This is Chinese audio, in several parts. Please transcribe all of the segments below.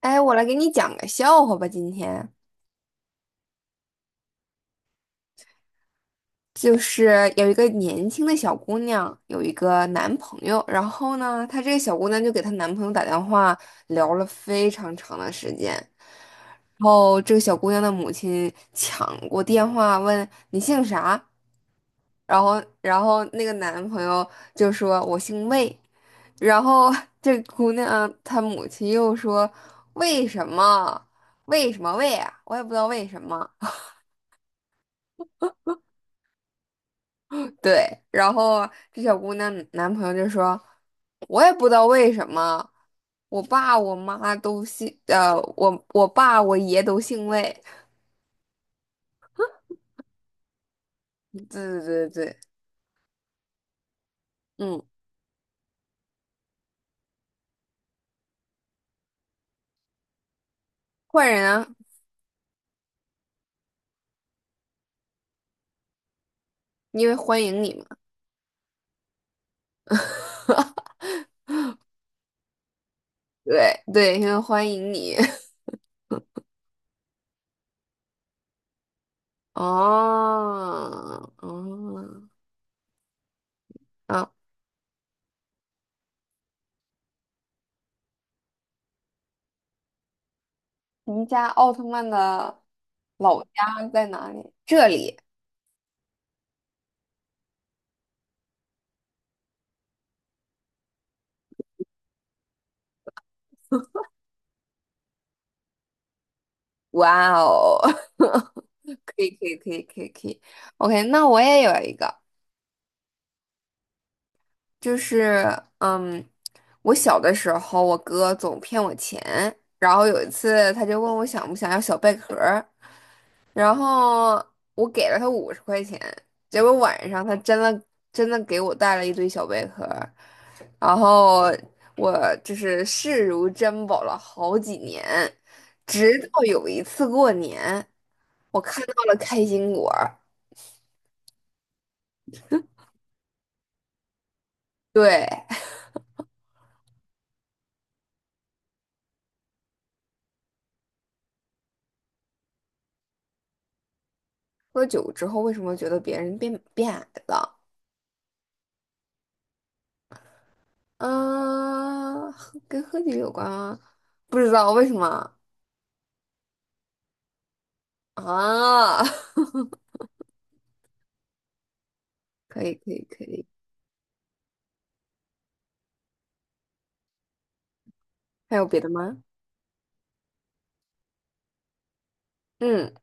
哎，我来给你讲个笑话吧。今天就是有一个年轻的小姑娘，有一个男朋友，然后呢，她这个小姑娘就给她男朋友打电话，聊了非常长的时间。然后这个小姑娘的母亲抢过电话问你姓啥，然后那个男朋友就说我姓魏，然后 这姑娘她母亲又说为什么为什么魏啊，我也不知道为什么。对，然后这小姑娘男朋友就说，我也不知道为什么，我爸我妈都姓，我爸我爷都姓魏。对对对对，嗯，坏人啊，因为欢迎你嘛。对对，因为欢迎你。哦，哦，啊，您家奥特曼的老家在哪里？这里。哇哦，可以可以可以可以可以，OK，那我也有一个，就是嗯，我小的时候，我哥总骗我钱，然后有一次他就问我想不想要小贝壳儿，然后我给了他50块钱，结果晚上他真的真的给我带了一堆小贝壳儿，然后我就是视如珍宝了好几年，直到有一次过年。我看到了开心果儿。对，喝酒之后为什么觉得别人变矮了？啊，喝跟喝酒有关吗？不知道为什么啊？可以，可以，可以。还有别的吗？嗯，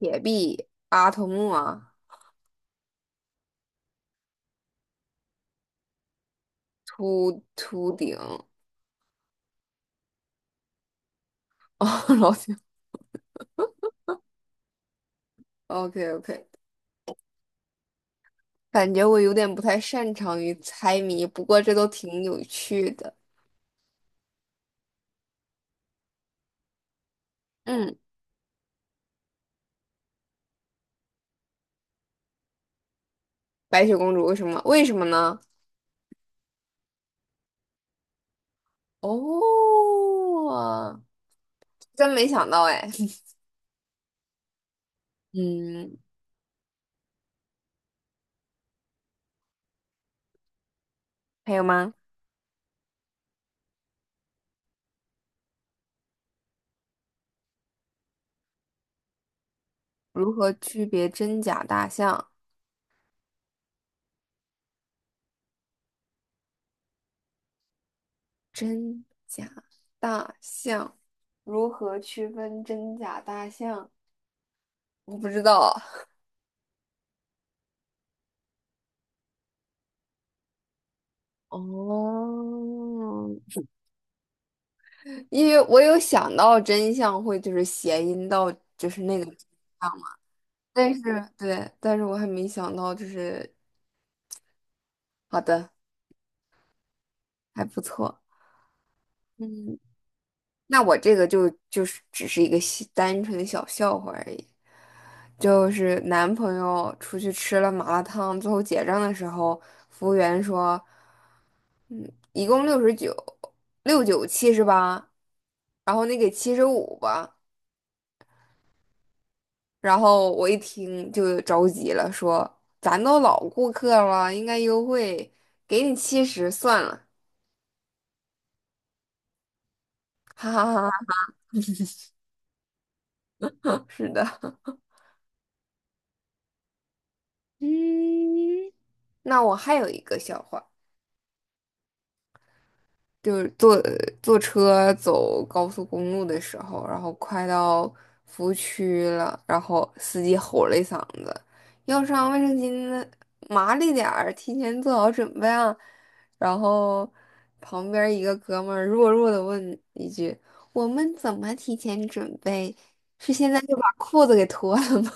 铁臂、阿童木啊，秃顶。哦，老铁。o k o k 感觉我有点不太擅长于猜谜，不过这都挺有趣的。嗯，白雪公主为什么？为什么呢？哦，真没想到哎。嗯，还有吗？如何区别真假大象？真假大象，如何区分真假大象？我不知道，哦，因为我有想到真相会就是谐音到就是那个真相，但是对，但是我还没想到就是好的，还不错。嗯。那我这个就是只是一个小单纯的小笑话而已，就是男朋友出去吃了麻辣烫，最后结账的时候，服务员说，嗯，一共69，六九七十八，然后你给75吧。然后我一听就着急了，说咱都老顾客了，应该优惠，给你七十算了，哈哈哈哈，是的。嗯，那我还有一个笑话。就是坐车走高速公路的时候，然后快到服务区了，然后司机吼了一嗓子：“要上卫生巾的麻利点儿，提前做好准备啊！”然后旁边一个哥们儿弱弱的问一句：“我们怎么提前准备？是现在就把裤子给脱了吗？”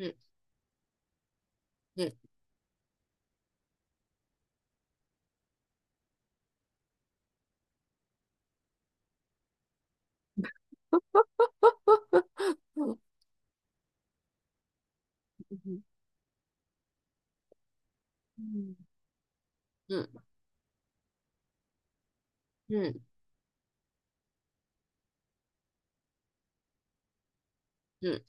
嗯嗯嗯嗯嗯嗯，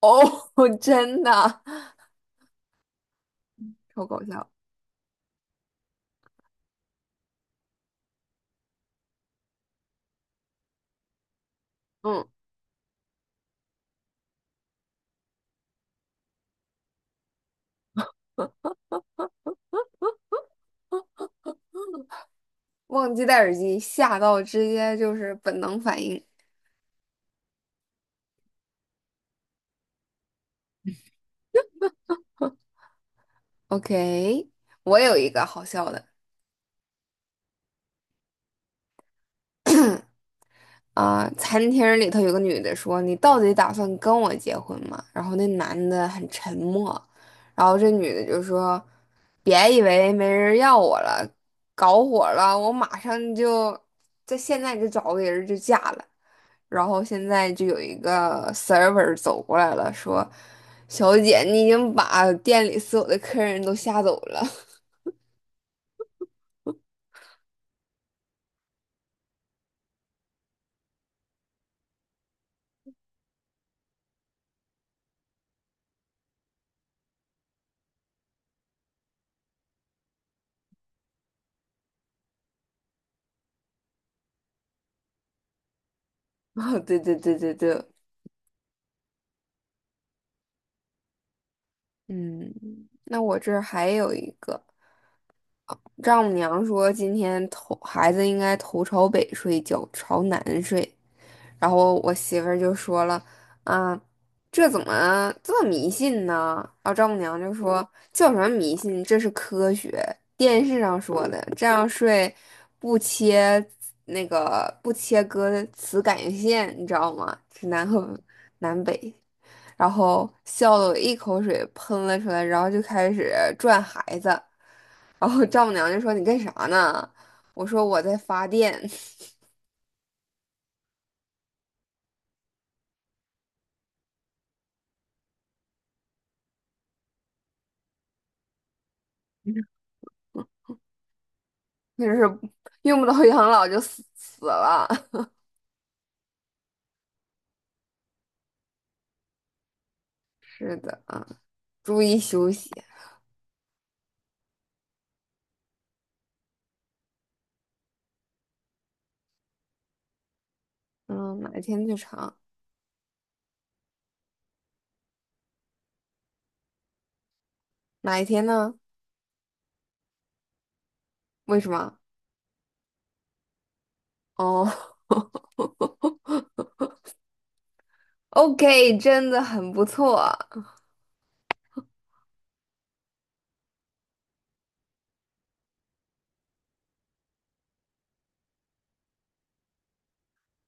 哦，真的，超搞笑。嗯。忘记戴耳机，吓到直接就是本能反应。OK，我有一个好笑的啊、餐厅里头有个女的说：“你到底打算跟我结婚吗？”然后那男的很沉默，然后这女的就说：“别以为没人要我了，搞火了，我马上就在现在就找个人就嫁了。”然后现在就有一个 server 走过来了，说：“小姐，你已经把店里所有的客人都吓走了。” 哦，对对对对对，嗯，那我这儿还有一个，丈母娘说今天头孩子应该头朝北睡，脚朝南睡，然后我媳妇儿就说了，啊，这怎么这么迷信呢？然后丈母娘就说叫什么迷信，这是科学，电视上说的，这样睡不切不切割磁感应线，你知道吗？是南和南北。然后笑得我一口水喷了出来，然后就开始转孩子，然后丈母娘就说你干啥呢？我说我在发电，就是用不到养老就死了。是的啊，注意休息。嗯，哪一天最长？哪一天呢？为什么？哦 ，OK，真的很不错。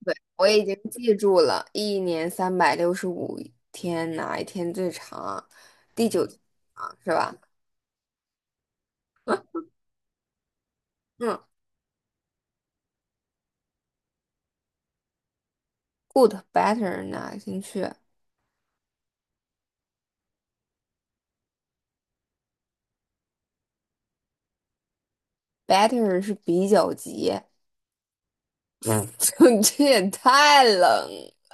对，我已经记住了，一年365天，哪一天最长啊第九天啊，是吧？嗯。good better 哪进去？better 是比较级，嗯，就你这也太冷了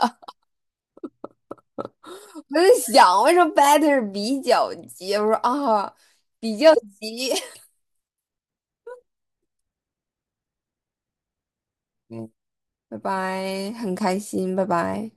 我在想为什么 better 比较级？我说啊，比较级。嗯，拜拜，很开心，拜拜。